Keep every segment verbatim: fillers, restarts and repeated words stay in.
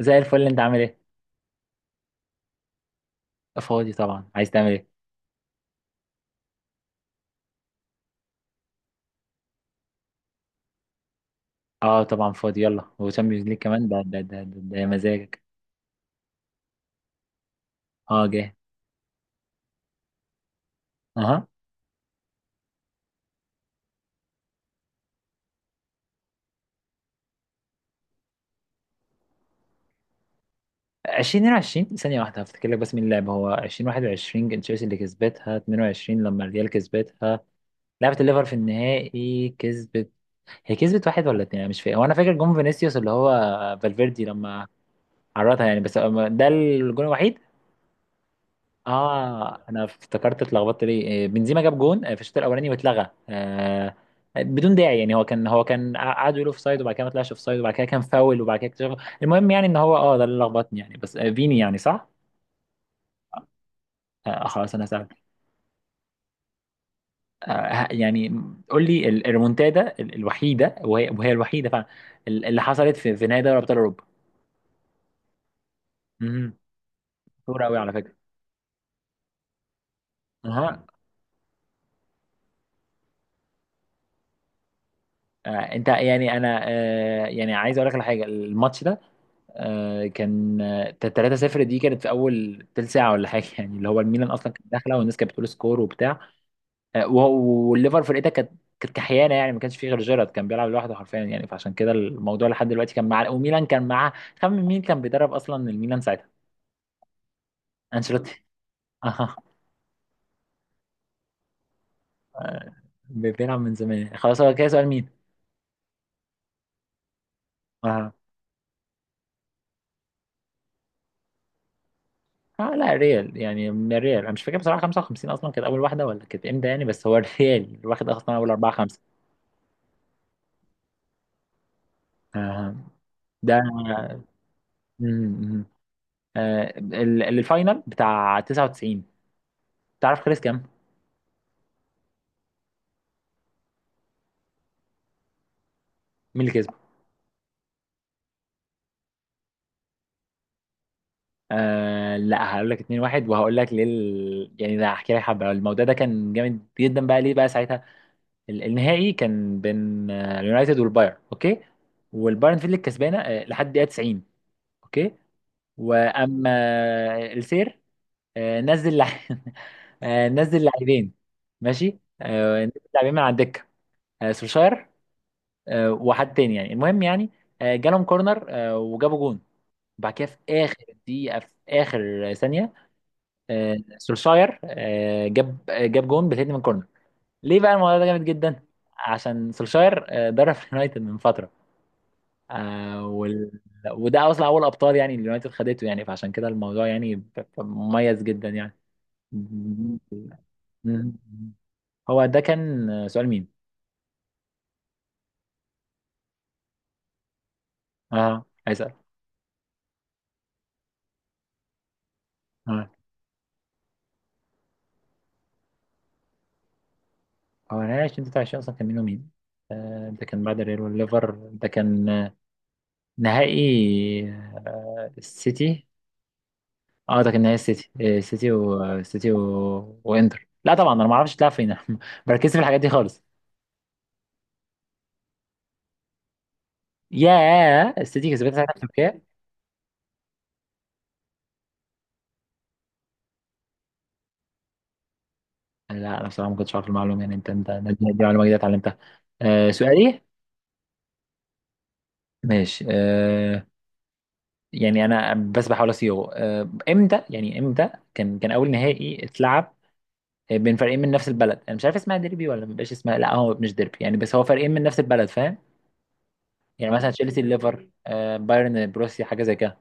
زي الفل، انت عامل ايه؟ فاضي طبعا، عايز تعمل ايه؟ اه طبعا فاضي، يلا. وشامبيونز ليج كمان؟ ده ده ده ده, ده مزاجك. اه جه. اها. عشرين واتنين وعشرين، ثانيه واحده هفتكر لك، بس مين اللعب هو عشرين واحد وعشرين كان تشيلسي اللي كسبتها. اتنين وعشرين لما الريال كسبتها، لعبت الليفر في النهائي كسبت. هي كسبت واحد ولا اتنين، انا مش فاكر. وانا فاكر جون فينيسيوس اللي هو فالفيردي لما عرضها يعني، بس ده الجون الوحيد. اه انا افتكرت اتلخبطت ليه، إيه، بنزيما جاب جون آه، في الشوط الاولاني واتلغى آه بدون داعي يعني. هو كان هو كان قعدوا يقولوا اوف سايد، وبعد كده ما طلعش اوف سايد، وبعد كده كان فاول، وبعد كده اكتشف. المهم يعني ان هو اه ده اللي لخبطني يعني، بس آه، فيني يعني، صح؟ آه آه، خلاص انا سألت. آه ه- يعني قول لي ال- الريمونتادا ال- الوحيده، وهي, وهي الوحيده فعلا، ال- اللي حصلت في في نهائي دوري ابطال اوروبا. امم. قوي على فكره. اها. آه انت يعني انا، آه يعني عايز اقول لك على حاجه. الماتش ده آه، كان تلاتة صفر. دي كانت في اول تلت ساعه ولا حاجه يعني، اللي هو الميلان اصلا كانت داخله، والناس كانت بتقول سكور وبتاع. آه، وهو- والليفر فرقتها كانت كانت كحيانه يعني. ما كانش فيه غير جيرارد كان بيلعب لوحده حرفيا يعني، فعشان كده الموضوع لحد دلوقتي كان مع، وميلان كان معاه. خمن مين كان بيدرب اصلا الميلان ساعتها. انشيلوتي. آه، آه، بيلعب من زمان خلاص. هو كده سؤال مين. آه. اه لا ريال يعني، من الريال انا مش فاكر بصراحه خمسة وخمسين اصلا كانت اول واحده ولا كانت امتى يعني، بس هو الريال واخد اصلا اول أربعة خمسة. آه. ده آه ال- الفاينل بتاع تسعة وتسعين. تعرف خلص كام؟ مين اللي كسب؟ آه لا هقول لك اتنين واحد، وهقول لك ليه. ال... يعني ده هحكي لك حبه، الموضوع ده كان جامد جدا بقى ليه بقى ساعتها. ال- النهائي كان بين آه، اليونايتد والبايرن، اوكي. والبايرن فيل الكسبانه آه، لحد دقيقه تسعين، اوكي. واما آه، السير، آه، نزل لع- آه، نزل لاعبين. ماشي آه، نزل لاعبين من على الدكه. آه، سولشاير، آه، وحد تاني يعني المهم يعني. آه، جالهم كورنر، آه، وجابوا جون. وبعد كده في اخر دقيقه في اخر ثانيه آه، سولشاير آه، جاب آه، جاب جون بالهيد من كورنر. ليه بقى الموضوع ده جامد جدا؟ عشان سولشاير آه، درب اليونايتد من فتره، آه، وال... وده اصلا اول ابطال يعني اليونايتد خدته يعني، فعشان كده الموضوع يعني ب- ب- مميز جدا يعني. م- هو ده كان سؤال مين. اه عايز اسال. آه. هو انا عايش ألفين وتلاتة وعشرين اصلا؟ كان مين ومين؟ آه، ده كان بعد الريال والليفر. ده كان آه، نهائي آه، السيتي. اه ده كان نهائي السيتي، آه، السيتي والسيتي و... وانتر. لا طبعا انا ما اعرفش تلعب فين بركز في الحاجات دي خالص. يا السيتي كسبتها ساعتها في تركيا. لا انا بصراحه ما كنتش عارف المعلومه يعني. انت انت دي دي معلومه جديده اتعلمتها. آه، سؤالي. ماشي آه، يعني انا بس بحاول اصيغه. آه، امتى يعني، امتى كان كان اول نهائي اتلعب آه، بين فريقين من نفس البلد؟ انا مش عارف اسمها ديربي ولا مبقاش اسمها. لا هو مش ديربي يعني، بس هو فريقين من نفس البلد فاهم. يعني مثلا تشيلسي ليفر، آه، بايرن بروسيا، حاجه زي كده.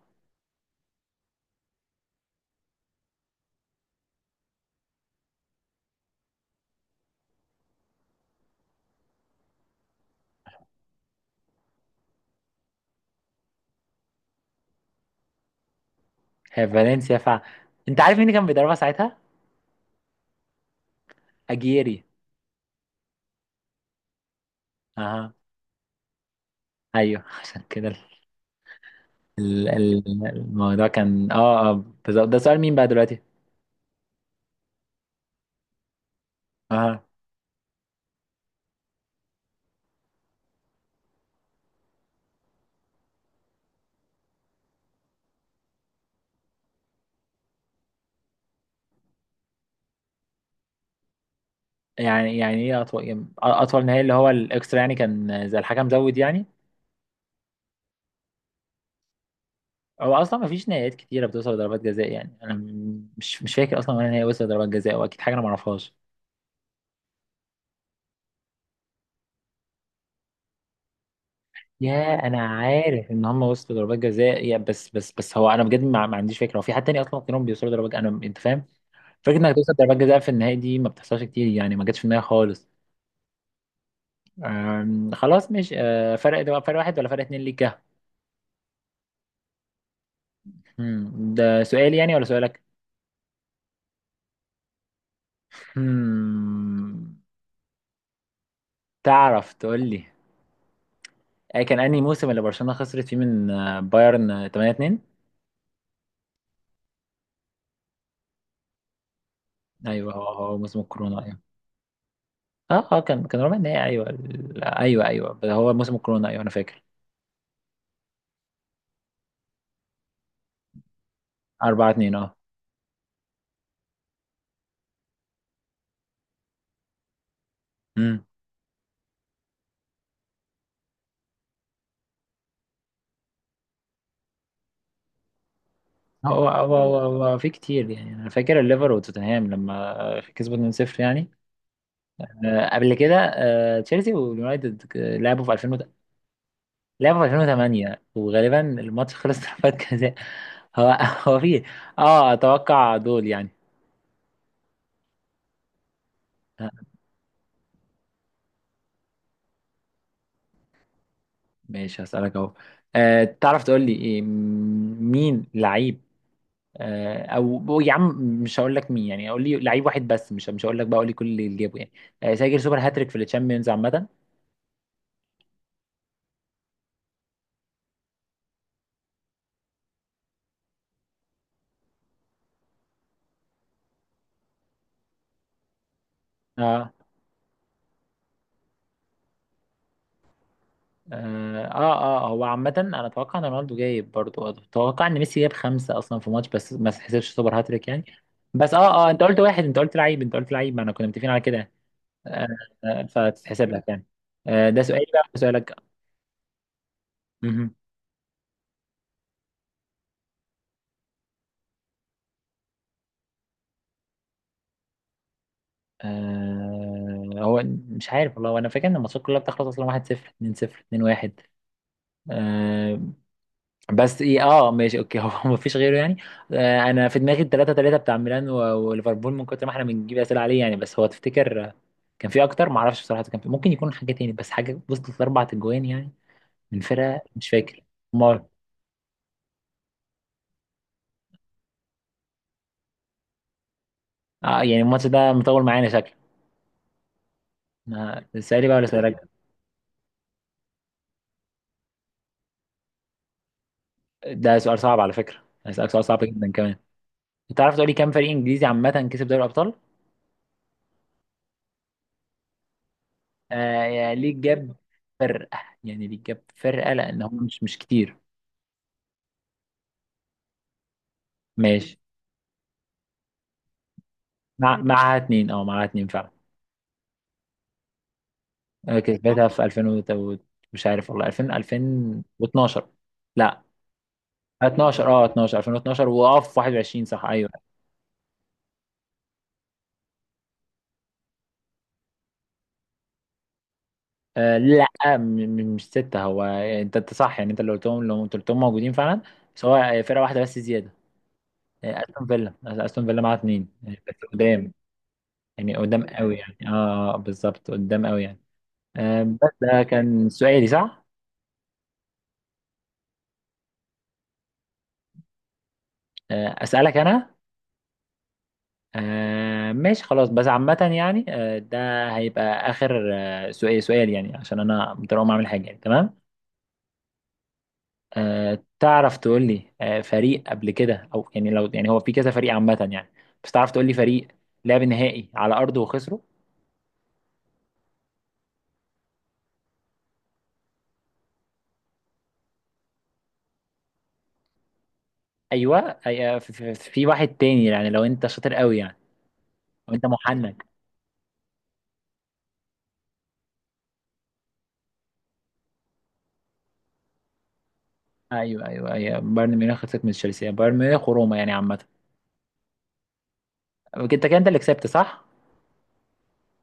هي فالنسيا فع انت عارف مين اللي كان بيدربها ساعتها؟ اجيري. اها. ايوه عشان كده ال- ال- ال- الموضوع كان، اه اه بالظبط. ده سؤال مين بقى دلوقتي؟ اها. يعني يعني ايه اطول، يعني اطول نهائي اللي هو الاكسترا يعني؟ كان زي الحكم زود يعني. هو اصلا ما فيش نهائيات كتيره بتوصل لضربات جزاء يعني. انا م- مش مش فاكر اصلا ولا نهائي وصل لضربات جزاء، واكيد حاجه انا ما اعرفهاش. يا انا عارف ان هم وصلوا ضربات جزاء يا، بس بس بس هو انا بجد ما, ما عنديش فكره. هو في حد تاني اصلا غيرهم بيوصلوا ضربات جزاء؟ انا، انت فاهم فكره انك توصل ضربات جزاء في النهائي دي ما بتحصلش كتير يعني، ما جاتش في النهائي خالص. أم، خلاص. مش أه، فرق. ده فرق واحد ولا فرق اتنين ليك يا؟ هم، ده سؤالي يعني ولا سؤالك؟ هم، تعرف تقول لي أي كان انهي موسم اللي برشلونه خسرت فيه من آه، بايرن آه، تمنية اتنين؟ ايوه هو هو موسم الكورونا ايوه. اه اه كان كان ربع النهائي، ايوه. ال- ايوه، ايوه هو موسم الكورونا ايوه، انا فاكر. أربعة اتنين، اه. امم. هو هو مم. هو هو في كتير يعني. أنا فاكر الليفر وتوتنهام لما كسبوا اتنين صفر يعني آه، قبل كده. آه، تشيلسي واليونايتد ك- لعبوا في ألفين وت- لعبوا في ألفين وتمنية، وغالبا الماتش خلص ضربات جزاء هو. هو في، اه أتوقع دول يعني. آه، ماشي هسألك أهو. آه، تعرف تقول لي، إيه، م- مين لعيب آه، او يا عم؟ مش هقول لك مين يعني، اقول لي لعيب واحد بس. مش مش هقول لك بقى، اقول لي كل اللي جابه يعني آه، سجل سوبر هاتريك في الشامبيونز عامه. اه اه اه آه، هو عامة انا اتوقع ان رونالدو جايب برضو، اتوقع ان ميسي جاب خمسة اصلا في ماتش، بس ما تحسبش سوبر هاتريك يعني. بس اه اه انت قلت واحد. انت قلت لعيب، انت قلت لعيب ما انا كنا متفقين على كده. آه آه، فتتحسب لك يعني. آه ده سؤالي بقى سؤالك. مهم. آه هو مش عارف والله. انا فاكر ان الماتشات كلها بتخلص اصلا واحد صفر اتنين صفر اتنين واحد بس. ايه اه ماشي اوكي. هو مفيش غيره يعني. آه انا في دماغي التلاتة تلاتة بتاع ميلان و- وليفربول، من كتر ما احنا بنجيب اسئله عليه يعني. بس هو تفتكر آه، كان في اكتر؟ ما اعرفش بصراحه، كان في ممكن يكون حاجه تاني، بس حاجه وصلت لاربع اجوان يعني من فرقه، مش فاكر. امال. آه يعني الماتش ده مطول معانا شكله. آه، اسالي بقى ولا اسالك؟ ده سؤال صعب على فكره، هسالك سؤال صعب جدا كمان. تعرف تقولي كام فريق انجليزي عامه كسب دوري الابطال؟ آه يعني ليه جاب فرقه. يعني ليه جاب فرقه، لان هم مش مش كتير. ماشي. مع معاها اتنين، اه، معاها اتنين فعلا. أنا كسبتها في ألفين وت- وت- مش عارف والله، ألفين ألفين واتناشر. لا، اتناشر. اه اتناشر ألفين واتناشر، واقف واحد وعشرين، صح، ايوه. آه لا، م- م- مش ستة. هو انت انت صح يعني. انت اللي قلتهم، لو انت قلتهم موجودين فعلا. بس هو فرقة واحدة بس زيادة، آه، استون فيلا. آه، استون فيلا معاها اتنين يعني، بس قدام، يعني قدام قوي يعني. اه آه، بالظبط قدام قوي يعني. آه بس ده كان سؤالي، صح؟ آه اسألك انا. آه ماشي خلاص، بس عامة يعني آه ده هيبقى آخر آه سؤال سؤال يعني، عشان أنا مضطر أقوم أعمل حاجة يعني، تمام. آه تعرف تقول لي آه فريق قبل كده، أو يعني، لو يعني هو في كذا فريق عامة يعني، بس تعرف تقول لي فريق لعب نهائي على أرضه وخسره. أيوه، أي- في في- في واحد تاني يعني، لو أنت شاطر قوي يعني. لو أنت محنك. أيوه أيوه أيوه بايرن ميونخ خسرت من تشيلسي، بايرن ميونخ وروما يعني عامة. أنت كده أنت اللي كسبت صح؟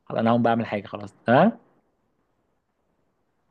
خلاص أنا هقوم بعمل حاجة، خلاص، تمام.